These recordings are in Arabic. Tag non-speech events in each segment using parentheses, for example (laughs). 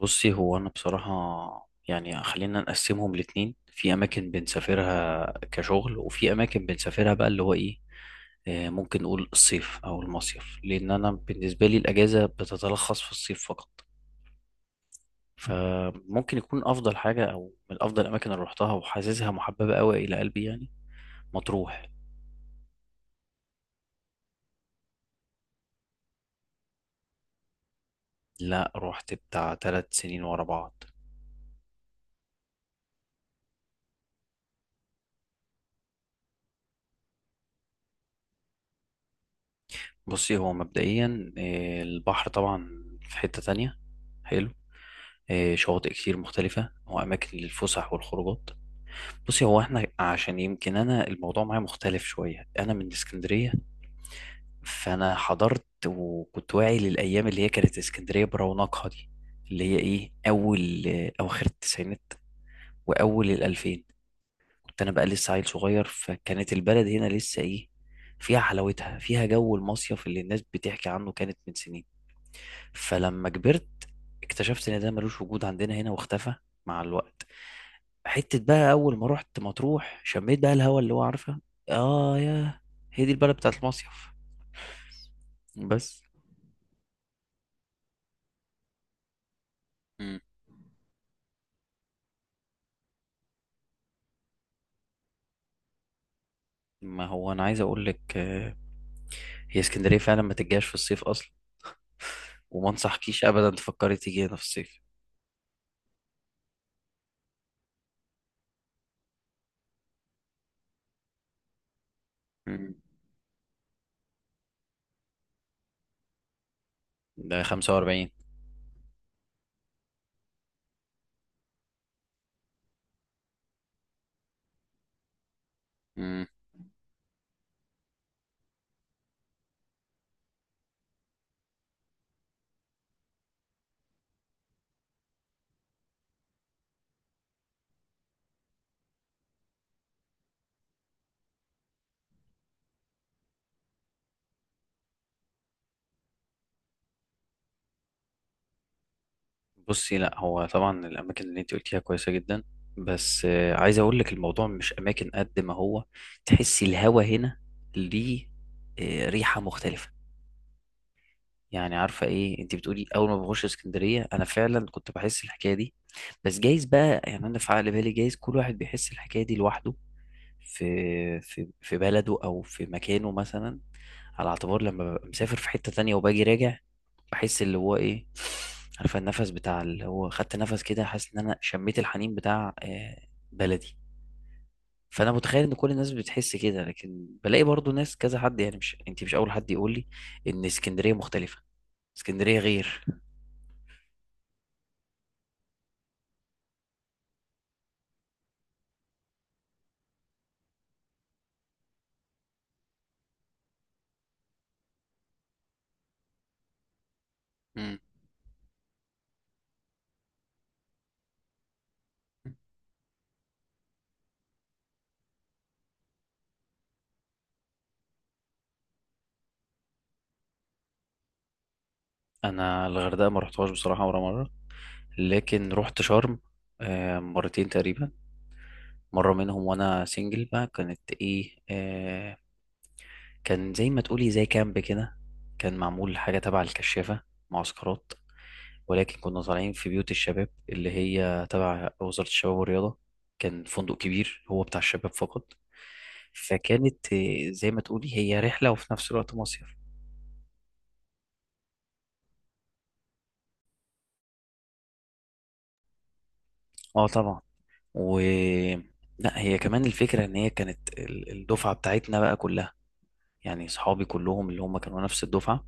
بصي هو انا بصراحة. يعني خلينا نقسمهم الاتنين، في اماكن بنسافرها كشغل وفي اماكن بنسافرها بقى اللي هو ايه، ممكن نقول الصيف او المصيف، لان انا بالنسبة لي الاجازة بتتلخص في الصيف فقط. فممكن يكون افضل حاجة او من افضل الاماكن اللي روحتها وحاسسها محببة قوي الى قلبي، يعني مطروح. لا، روحت بتاع 3 سنين ورا بعض. بصي هو مبدئيا البحر طبعا، في حتة تانية حلو، شواطئ كتير مختلفة وأماكن للفسح والخروجات. بصي هو احنا عشان يمكن أنا الموضوع معايا مختلف شوية، أنا من اسكندرية. فأنا حضرت وكنت واعي للأيام اللي هي كانت اسكندرية برونقها دي، اللي هي إيه، أول أواخر التسعينات وأول الألفين. كنت أنا بقى لسه عيل صغير، فكانت البلد هنا لسه إيه، فيها حلاوتها، فيها جو المصيف اللي الناس بتحكي عنه كانت من سنين. فلما كبرت اكتشفت إن ده ملوش وجود عندنا هنا، واختفى مع الوقت. حتة بقى أول ما رحت مطروح، شميت بقى الهوا اللي هو عارفة، آه يا، هي دي البلد بتاعت المصيف بس. مم. ما هو أنا عايز أقول لك، هي اسكندرية فعلا ما تجيش في الصيف أصلا، وما أنصحكيش أبدا تفكري تيجي هنا في الصيف. مم. ده 45. مم. بصي لا، هو طبعا الأماكن اللي أنت قلتيها كويسة جدا، بس عايز أقول لك الموضوع مش أماكن قد ما هو تحسي الهوا هنا ليه، ريحة مختلفة. يعني عارفه ايه انت بتقولي، اول ما بخش اسكندريه انا فعلا كنت بحس الحكايه دي. بس جايز بقى، يعني انا في عقل بالي، جايز كل واحد بيحس الحكايه دي لوحده، في بلده او في مكانه مثلا. على اعتبار لما ببقى مسافر في حته تانية وباجي راجع، بحس اللي هو ايه، عارفه النفس بتاع اللي هو خدت نفس كده، حاسس ان انا شميت الحنين بتاع بلدي. فانا متخيل ان كل الناس بتحس كده، لكن بلاقي برضو ناس كذا حد، يعني مش انت مش اول حد يقول لي ان اسكندريه مختلفه، اسكندريه غير. انا الغردقه ما رحتهاش بصراحه ولا مره، لكن رحت شرم مرتين تقريبا. مره منهم وانا سنجل بقى، كانت ايه، كان زي ما تقولي زي كامب كده، كان معمول حاجه تبع الكشافه، معسكرات، ولكن كنا طالعين في بيوت الشباب اللي هي تبع وزاره الشباب والرياضه. كان فندق كبير هو بتاع الشباب فقط. فكانت زي ما تقولي هي رحله وفي نفس الوقت مصيف. اه طبعا. و لا، هي كمان الفكرة ان هي كانت الدفعة بتاعتنا بقى كلها، يعني صحابي كلهم اللي هم كانوا نفس الدفعة،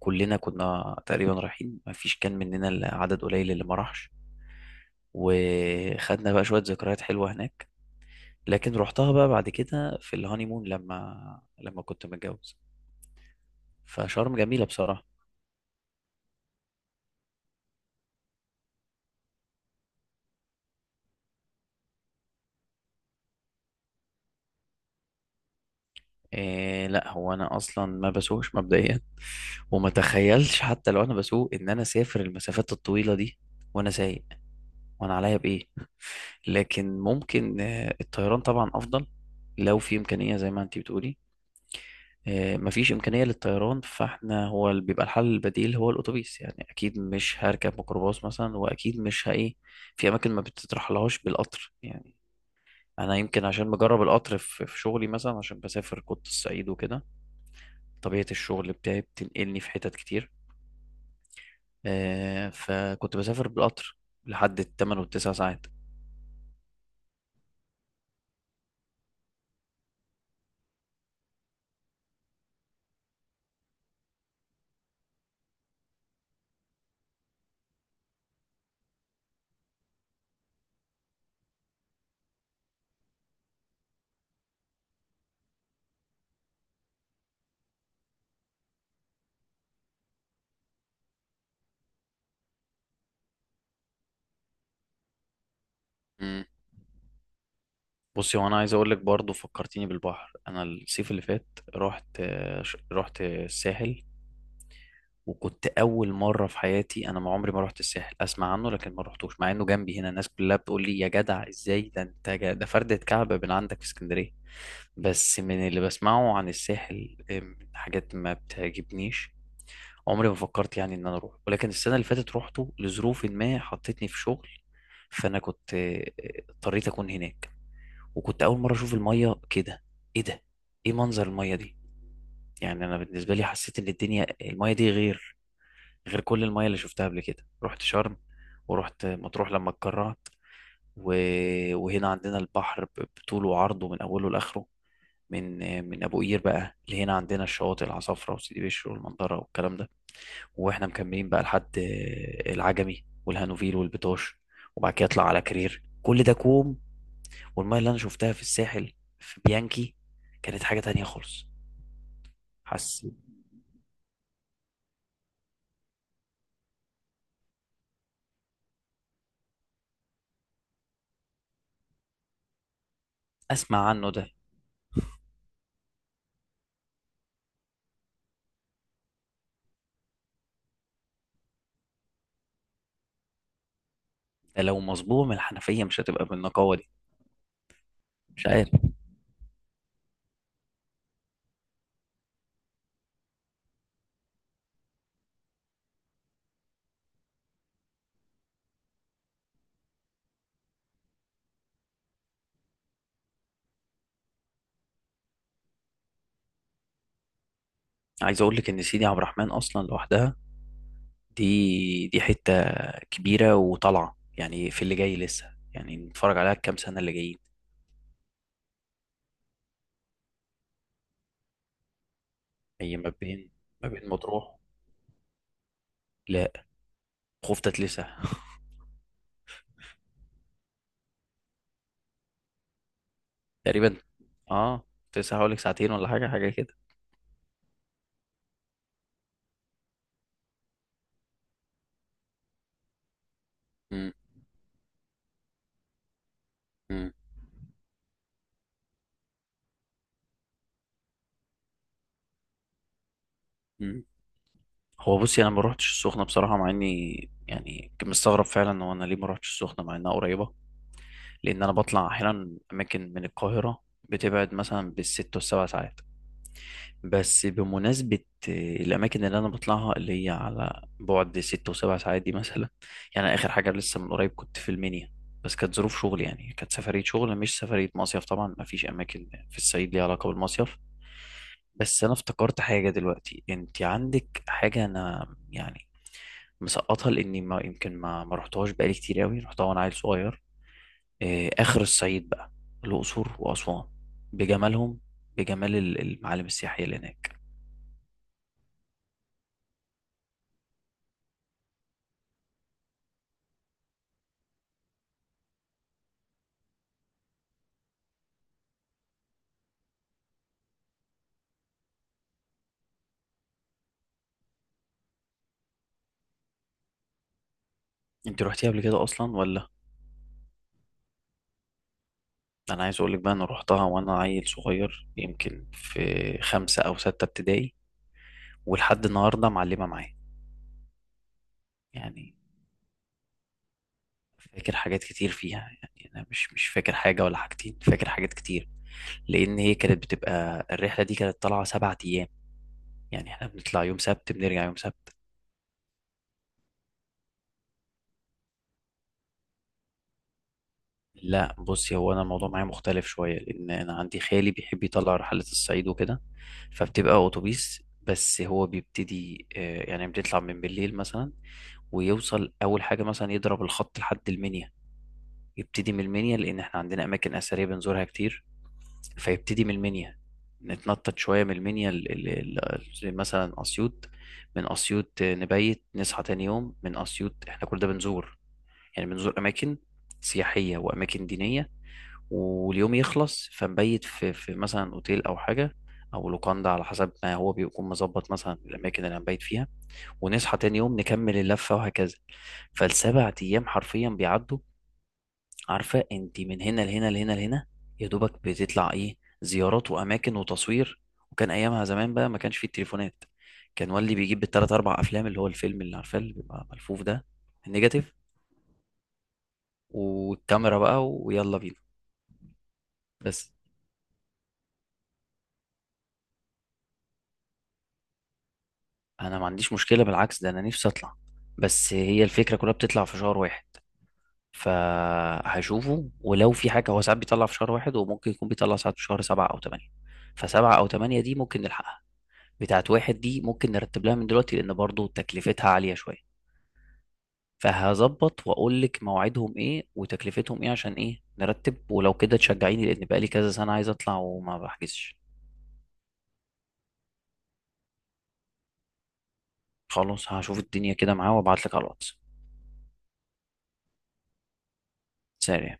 كلنا كنا تقريبا رايحين، ما فيش كان مننا إلا عدد قليل اللي ما راحش. وخدنا بقى شوية ذكريات حلوة هناك. لكن رحتها بقى بعد كده في الهانيمون لما كنت متجوز. فشرم جميلة بصراحة. إيه لا، هو انا اصلا ما بسوقش مبدئيا، وما تخيلش حتى لو انا بسوق ان انا اسافر المسافات الطويلة دي وانا سايق، وانا عليا بايه. لكن ممكن الطيران طبعا افضل لو في امكانيه زي ما انتي بتقولي. مفيش امكانيه للطيران، فاحنا هو اللي بيبقى الحل البديل هو الاتوبيس، يعني اكيد مش هركب ميكروباص مثلا واكيد مش هايه، في اماكن ما بتترحلهاش بالقطر يعني. انا يمكن عشان مجرب القطر في شغلي مثلا، عشان بسافر كنت الصعيد وكده، طبيعه الشغل بتاعي بتنقلني في حتت كتير. فكنت بسافر بالقطر لحد ال8 وال9 ساعات. بصي وانا عايز اقول لك برضه، فكرتيني بالبحر. انا الصيف اللي فات رحت رحت الساحل. وكنت اول مره في حياتي، انا ما عمري ما رحت الساحل، اسمع عنه لكن ما رحتوش، مع انه جنبي هنا. الناس كلها بتقول لي، يا جدع ازاي ده انت ده فردة كعبة من عندك في اسكندريه. بس من اللي بسمعه عن الساحل حاجات ما بتعجبنيش. عمري ما فكرت يعني ان انا اروح، ولكن السنه اللي فاتت روحته لظروف ما حطتني في شغل، فانا كنت اضطريت اكون هناك. وكنت اول مره اشوف الميه كده، ايه ده، ايه منظر الميه دي، يعني انا بالنسبه لي حسيت ان الدنيا الميه دي غير كل الميه اللي شفتها قبل كده. رحت شرم، ورحت مطروح لما اتكرعت، و... وهنا عندنا البحر بطوله وعرضه من اوله لاخره، من من ابو قير بقى لهنا، عندنا الشواطئ العصافره وسيدي بشر والمنظره والكلام ده. واحنا مكملين بقى لحد العجمي والهانوفيل والبيطاش. وبعد كده اطلع على كرير، كل ده كوم، والمية اللي انا شفتها في الساحل في بيانكي كانت حاجة تانية خالص. حسيت. اسمع عنه ده لو مصبوغ من الحنفية مش هتبقى بالنقاوة دي. مش عارف. عايز اقول لك ان سيدي عبد الرحمن اصلا لوحدها دي حتة كبيرة وطالعة، يعني في اللي جاي لسه يعني نتفرج عليها الكام سنة اللي جايين. هي ما بين مطروح. لا. خفتت لسه (laughs) تقريبا، اه. كنت لسه هقول لك ساعتين ولا حاجة حاجة كده. امم. امم، امم. هو بصي انا ما روحتش السخنه بصراحه، مع اني يعني كنت مستغرب فعلا، هو انا ليه ما روحتش السخنه مع انها قريبه؟ لان انا بطلع احيانا اماكن من القاهره بتبعد مثلا بال6 وال7 ساعات. بس بمناسبه الاماكن اللي انا بطلعها اللي هي على بعد 6 و7 ساعات دي مثلا، يعني اخر حاجه لسه من قريب كنت في المنيا. بس كانت ظروف شغل، يعني كانت سفريه شغل مش سفريه مصيف. طبعا ما فيش اماكن في الصعيد ليها علاقه بالمصيف. بس انا افتكرت حاجه دلوقتي، انت عندك حاجه انا يعني مسقطها، لاني ما يمكن ما رحتهاش بقالي كتير قوي، رحتها وانا عيل صغير. اخر الصعيد بقى، الاقصر واسوان، بجمالهم، بجمال المعالم السياحيه اللي هناك. انت روحتيها قبل كده اصلا ولا؟ انا عايز اقول لك بقى، انا روحتها وانا عيل صغير، يمكن في 5 او 6 ابتدائي، ولحد النهارده معلمه معايا. يعني فاكر حاجات كتير فيها. يعني انا مش فاكر حاجه ولا حاجتين، فاكر حاجات كتير، لان هي كانت بتبقى الرحله دي كانت طالعه 7 ايام. يعني احنا بنطلع يوم سبت بنرجع يوم سبت. لا بصي، هو انا الموضوع معايا مختلف شويه، لان انا عندي خالي بيحب يطلع رحلات الصعيد وكده. فبتبقى اتوبيس، بس هو بيبتدي يعني بيطلع من بالليل مثلا، ويوصل اول حاجه مثلا يضرب الخط لحد المنيا. يبتدي من المنيا لان احنا عندنا اماكن اثريه بنزورها كتير. فيبتدي من المنيا، نتنطط شويه من المنيا زي مثلا اسيوط. من اسيوط نبيت، نصحى تاني يوم من اسيوط، احنا كل ده بنزور، يعني بنزور اماكن سياحيه واماكن دينيه. واليوم يخلص فنبيت في مثلا اوتيل او حاجه، او لوكاندا على حسب ما هو بيكون مظبط مثلا الاماكن اللي هنبيت فيها. ونصحى تاني يوم نكمل اللفه، وهكذا. فالسبع ايام حرفيا بيعدوا، عارفه انت، من هنا لهنا لهنا لهنا، يا دوبك بتطلع ايه، زيارات واماكن وتصوير. وكان ايامها زمان بقى ما كانش فيه التليفونات، كان والدي بيجيب بالتلات اربع افلام، اللي هو الفيلم اللي عارفاه اللي بيبقى ملفوف ده، النيجاتيف، والكاميرا بقى ويلا بينا. بس انا ما عنديش مشكله، بالعكس ده انا نفسي اطلع. بس هي الفكره كلها بتطلع في شهر واحد، فهشوفه ولو في حاجه، هو ساعات بيطلع في شهر واحد وممكن يكون بيطلع ساعات في شهر 7 او 8. فسبعة او تمانية دي ممكن نلحقها، بتاعت واحد دي ممكن نرتب لها من دلوقتي، لان برضو تكلفتها عاليه شويه. فهظبط واقول لك مواعيدهم ايه وتكلفتهم ايه عشان ايه نرتب، ولو كده تشجعيني، لان بقالي كذا سنه عايز اطلع وما بحجزش. خلاص، هشوف الدنيا كده معاه وابعت لك على الواتس سريع.